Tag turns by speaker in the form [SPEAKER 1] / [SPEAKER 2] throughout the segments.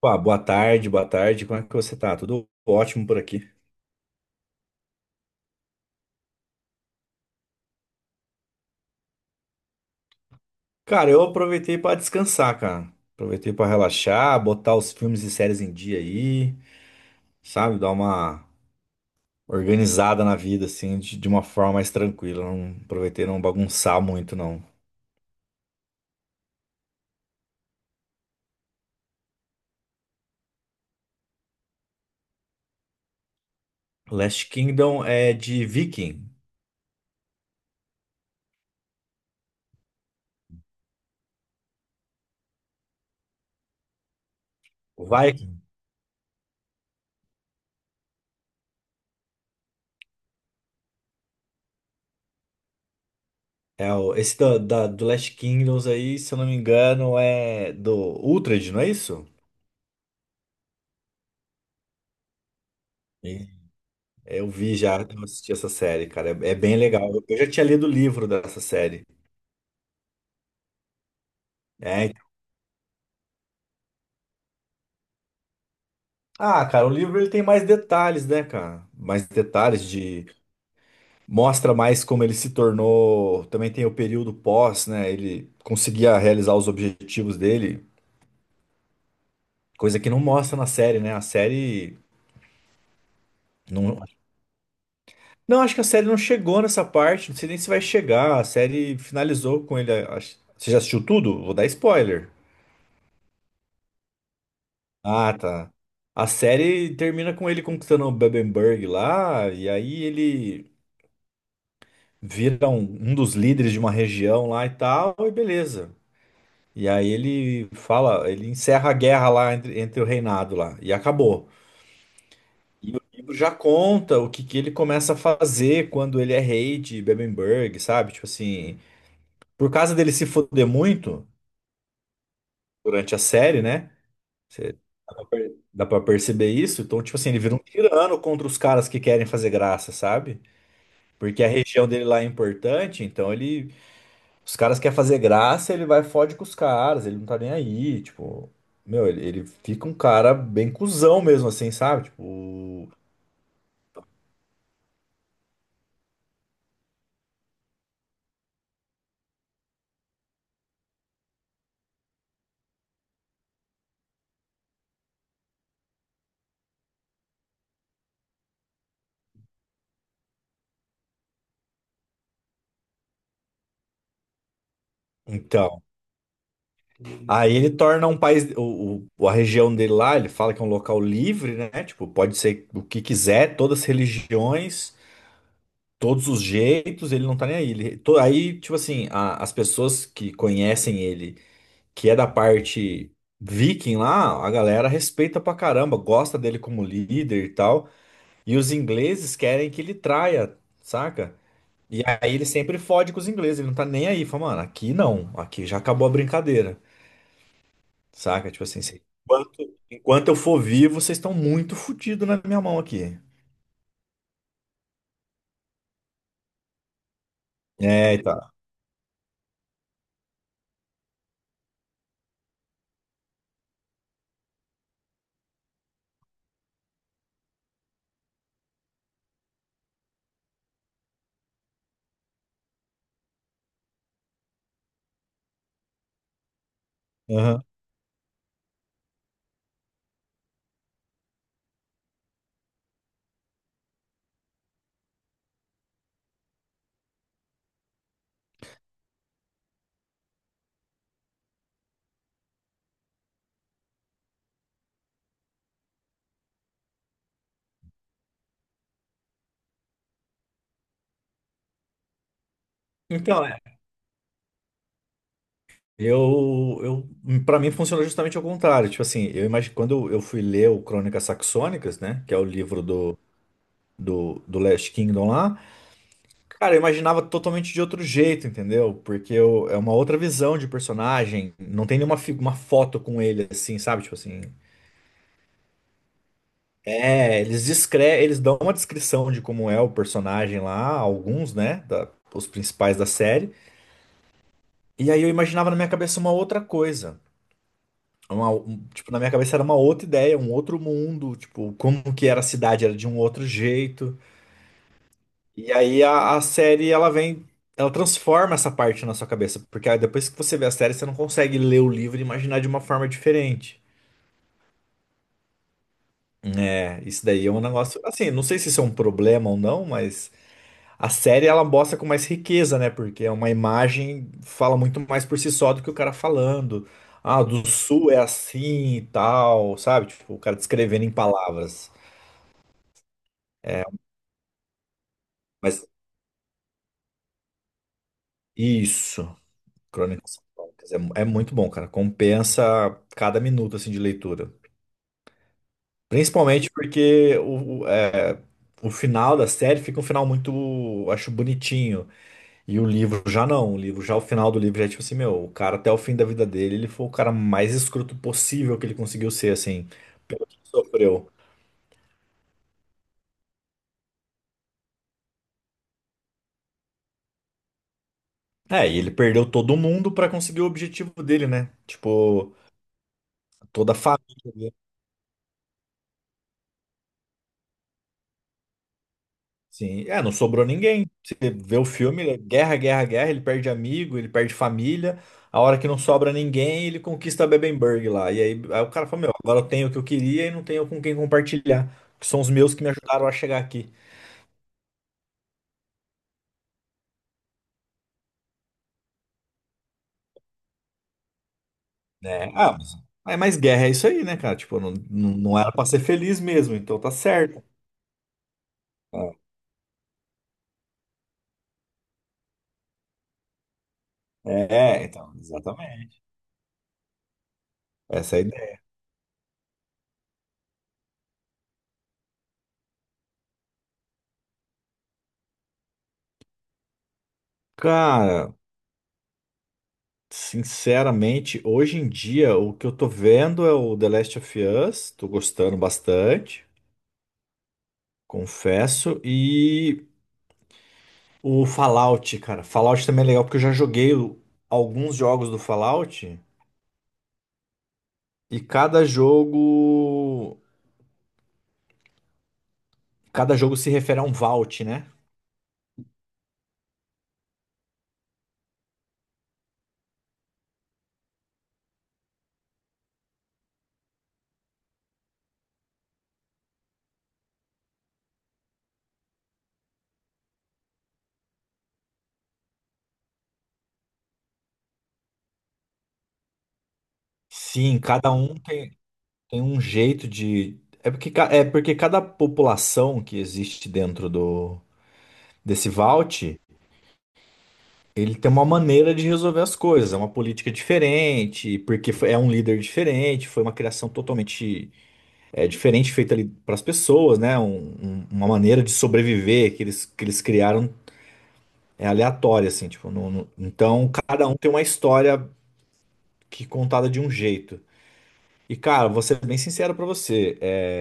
[SPEAKER 1] Opa, boa tarde, boa tarde. Como é que você tá? Tudo ótimo por aqui. Cara, eu aproveitei pra descansar, cara. Aproveitei pra relaxar, botar os filmes e séries em dia aí, sabe? Dar uma organizada na vida, assim, de uma forma mais tranquila. Não aproveitei não bagunçar muito, não. Last Kingdom é de Viking. O Viking. É o, esse da, da- do Last Kingdoms aí, se eu não me engano, é do Uhtred, não é isso? É, eu vi já, eu assisti essa série, cara. É, é bem legal. Eu já tinha lido o livro dessa série. É, então- ah, cara, o livro ele tem mais detalhes, né, cara? Mais detalhes de. Mostra mais como ele se tornou. Também tem o período pós, né? Ele conseguia realizar os objetivos dele, coisa que não mostra na série, né? A série. Não, não acho que a série não chegou nessa parte. Não sei nem se vai chegar. A série finalizou com ele. Você já assistiu tudo? Vou dar spoiler. Ah, tá. A série termina com ele conquistando o Bebemberg lá, e aí ele vira um dos líderes de uma região lá e tal, e beleza. E aí ele fala, ele encerra a guerra lá entre o reinado lá, e acabou. E o livro já conta o que, que ele começa a fazer quando ele é rei de Bebemberg, sabe? Tipo assim, por causa dele se foder muito durante a série, né? Você- dá pra perceber isso? Então, tipo assim, ele vira um tirano contra os caras que querem fazer graça, sabe? Porque a região dele lá é importante, então ele. Os caras querem fazer graça, ele vai e fode com os caras, ele não tá nem aí, tipo. Meu, ele fica um cara bem cuzão mesmo, assim, sabe? Tipo. Então. Aí ele torna um país. A região dele lá, ele fala que é um local livre, né? Tipo, pode ser o que quiser, todas as religiões, todos os jeitos, ele não tá nem aí. Tipo assim, as pessoas que conhecem ele, que é da parte viking lá, a galera respeita pra caramba, gosta dele como líder e tal. E os ingleses querem que ele traia, saca? E aí ele sempre fode com os ingleses, ele não tá nem aí. Fala, mano, aqui não, aqui já acabou a brincadeira, saca? Tipo assim, enquanto eu for vivo, vocês estão muito fodidos na minha mão aqui. É, e tá. Aham. Então, eu para mim funciona justamente ao contrário. Tipo assim, eu imagino quando eu fui ler o Crônicas Saxônicas, né, que é o livro do Last Kingdom lá, cara, eu imaginava totalmente de outro jeito, entendeu? É uma outra visão de personagem, não tem uma foto com ele assim, sabe? Tipo assim, é, eles dão uma descrição de como é o personagem lá, alguns, né, os principais da série. E aí eu imaginava na minha cabeça uma outra coisa. Tipo, na minha cabeça era uma outra ideia, um outro mundo, tipo, como que era a cidade, era de um outro jeito. E aí a série, ela vem, ela transforma essa parte na sua cabeça, porque aí depois que você vê a série, você não consegue ler o livro e imaginar de uma forma diferente. É, isso daí é um negócio, assim, não sei se isso é um problema ou não, mas a série ela mostra com mais riqueza, né? Porque é uma imagem fala muito mais por si só do que o cara falando. Ah, do sul é assim e tal, sabe? Tipo, o cara descrevendo em palavras. Mas isso, Crônicas Salomônicas, é, é muito bom, cara. Compensa cada minuto assim de leitura. Principalmente porque o final da série fica um final muito, acho, bonitinho. E o livro já não. O livro já o final do livro já é tipo assim, meu, o cara até o fim da vida dele, ele foi o cara mais escroto possível que ele conseguiu ser, assim, pelo que ele sofreu. É, e ele perdeu todo mundo pra conseguir o objetivo dele, né? Tipo, toda a família. Sim, é, não sobrou ninguém. Você vê o filme, é guerra, guerra, guerra, ele perde amigo, ele perde família. A hora que não sobra ninguém, ele conquista a Bebemberg lá. E aí, aí o cara fala, meu, agora eu tenho o que eu queria e não tenho com quem compartilhar. Que são os meus que me ajudaram a chegar aqui. Né? Ah, mas, é, mas guerra é isso aí, né, cara? Tipo, não, não, não era pra ser feliz mesmo, então tá certo. É, é, então, exatamente. Essa é a ideia. Cara, sinceramente, hoje em dia, o que eu tô vendo é o The Last of Us, tô gostando bastante, confesso, e o Fallout, cara. Fallout também é legal porque eu já alguns jogos do Fallout e cada jogo se refere a um vault, né? Sim, cada um tem, tem um jeito de. É porque, é porque cada população que existe dentro desse vault. Ele tem uma maneira de resolver as coisas, é uma política diferente, é um líder diferente, foi uma criação totalmente é, diferente feita ali para as pessoas, né? Uma maneira de sobreviver que eles criaram é aleatória, assim, tipo, então cada um tem uma história que é contada de um jeito. E cara, vou ser bem sincero para você, é,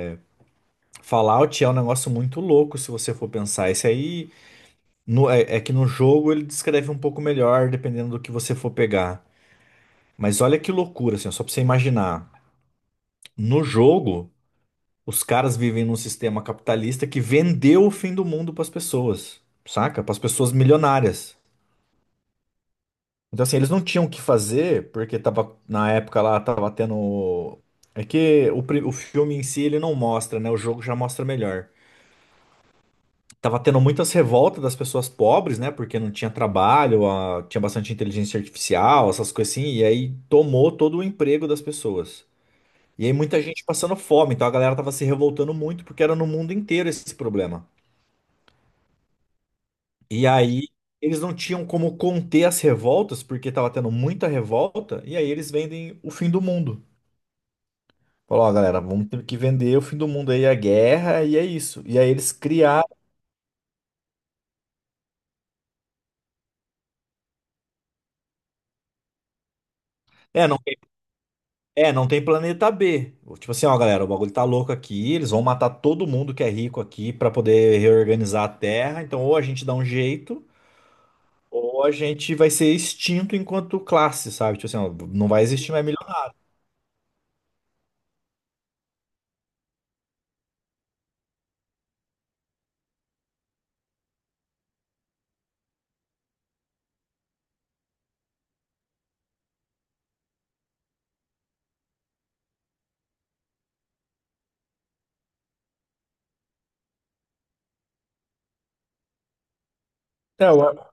[SPEAKER 1] Fallout é um negócio muito louco se você for pensar. Esse aí no- é é que no jogo ele descreve um pouco melhor, dependendo do que você for pegar. Mas olha que loucura, assim, ó, só pra você imaginar. No jogo, os caras vivem num sistema capitalista que vendeu o fim do mundo pras pessoas, saca? Pras pessoas milionárias. Então, assim, eles não tinham o que fazer, porque tava, na época lá, tava tendo. É que o, o filme em si ele não mostra, né? O jogo já mostra melhor. Tava tendo muitas revoltas das pessoas pobres, né? Porque não tinha trabalho, tinha bastante inteligência artificial, essas coisas assim, e aí tomou todo o emprego das pessoas. E aí muita gente passando fome, então a galera tava se revoltando muito porque era no mundo inteiro esse problema. E aí eles não tinham como conter as revoltas porque tava tendo muita revolta, e aí eles vendem o fim do mundo. Falou, ó, galera, vamos ter que vender o fim do mundo aí, a guerra, e é isso. E aí eles criaram. É, não, é, não tem planeta B. Tipo assim, ó, galera, o bagulho tá louco aqui, eles vão matar todo mundo que é rico aqui pra poder reorganizar a Terra, então ou a gente dá um jeito. Ou a gente vai ser extinto enquanto classe, sabe? Tipo assim, ó, não vai existir mais milionário. É, o Ar-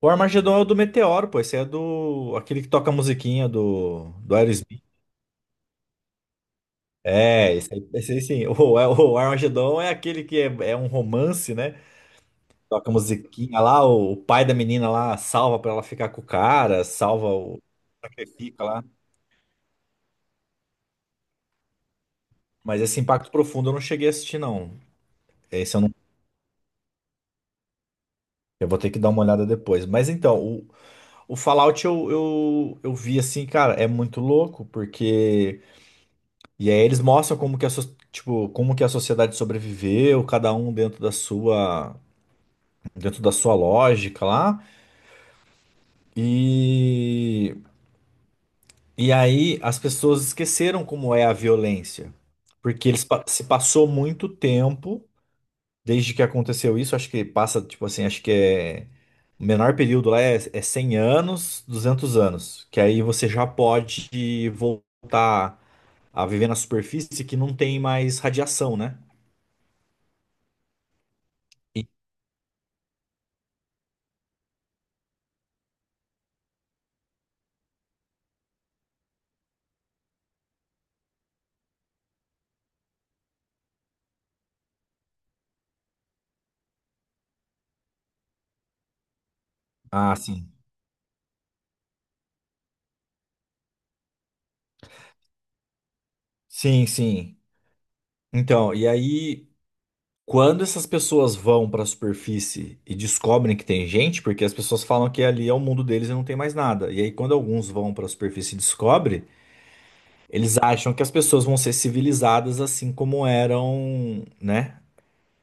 [SPEAKER 1] o Armagedon é o do Meteoro, pô. Esse é do. Aquele que toca a musiquinha do Aerosmith. É, esse aí sim. O, é, o Armagedon é aquele que é, é um romance, né? Toca a musiquinha lá, o pai da menina lá salva pra ela ficar com o cara, salva o. Sacrifica lá. Mas esse Impacto Profundo eu não cheguei a assistir, não. Esse eu não. Eu vou ter que dar uma olhada depois. Mas então, o Fallout eu vi assim, cara, é muito louco, porque. E aí eles mostram como que como que a sociedade sobreviveu, cada um dentro da sua lógica lá. E, e aí as pessoas esqueceram como é a violência. Porque se passou muito tempo desde que aconteceu isso, acho que passa, tipo assim, acho que é. O menor período lá é, é 100 anos, 200 anos, que aí você já pode voltar a viver na superfície que não tem mais radiação, né? E- Ah, sim. Sim, sim. Então, e aí, quando essas pessoas vão para a superfície e descobrem que tem gente, porque as pessoas falam que ali é o mundo deles e não tem mais nada. E aí, quando alguns vão para a superfície e descobrem, eles acham que as pessoas vão ser civilizadas assim como eram, né?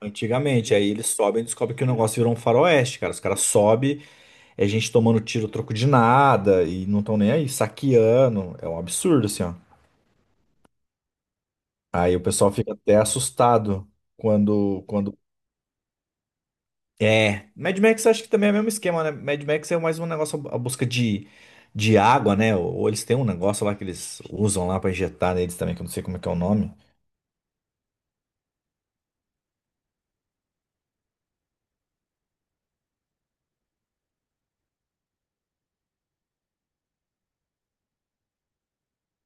[SPEAKER 1] Antigamente. Aí eles sobem e descobrem que o negócio virou um faroeste, cara. Os caras sobem. É gente tomando tiro a troco de nada e não estão nem aí, saqueando. É um absurdo, assim, ó. Aí o pessoal fica até assustado quando... É, Mad Max acho que também é o mesmo esquema, né? Mad Max é mais um negócio a busca de água, né? Ou eles têm um negócio lá que eles usam lá pra injetar neles também, que eu não sei como é que é o nome.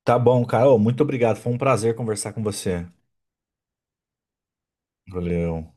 [SPEAKER 1] Tá bom, cara. Ô, muito obrigado. Foi um prazer conversar com você. Valeu.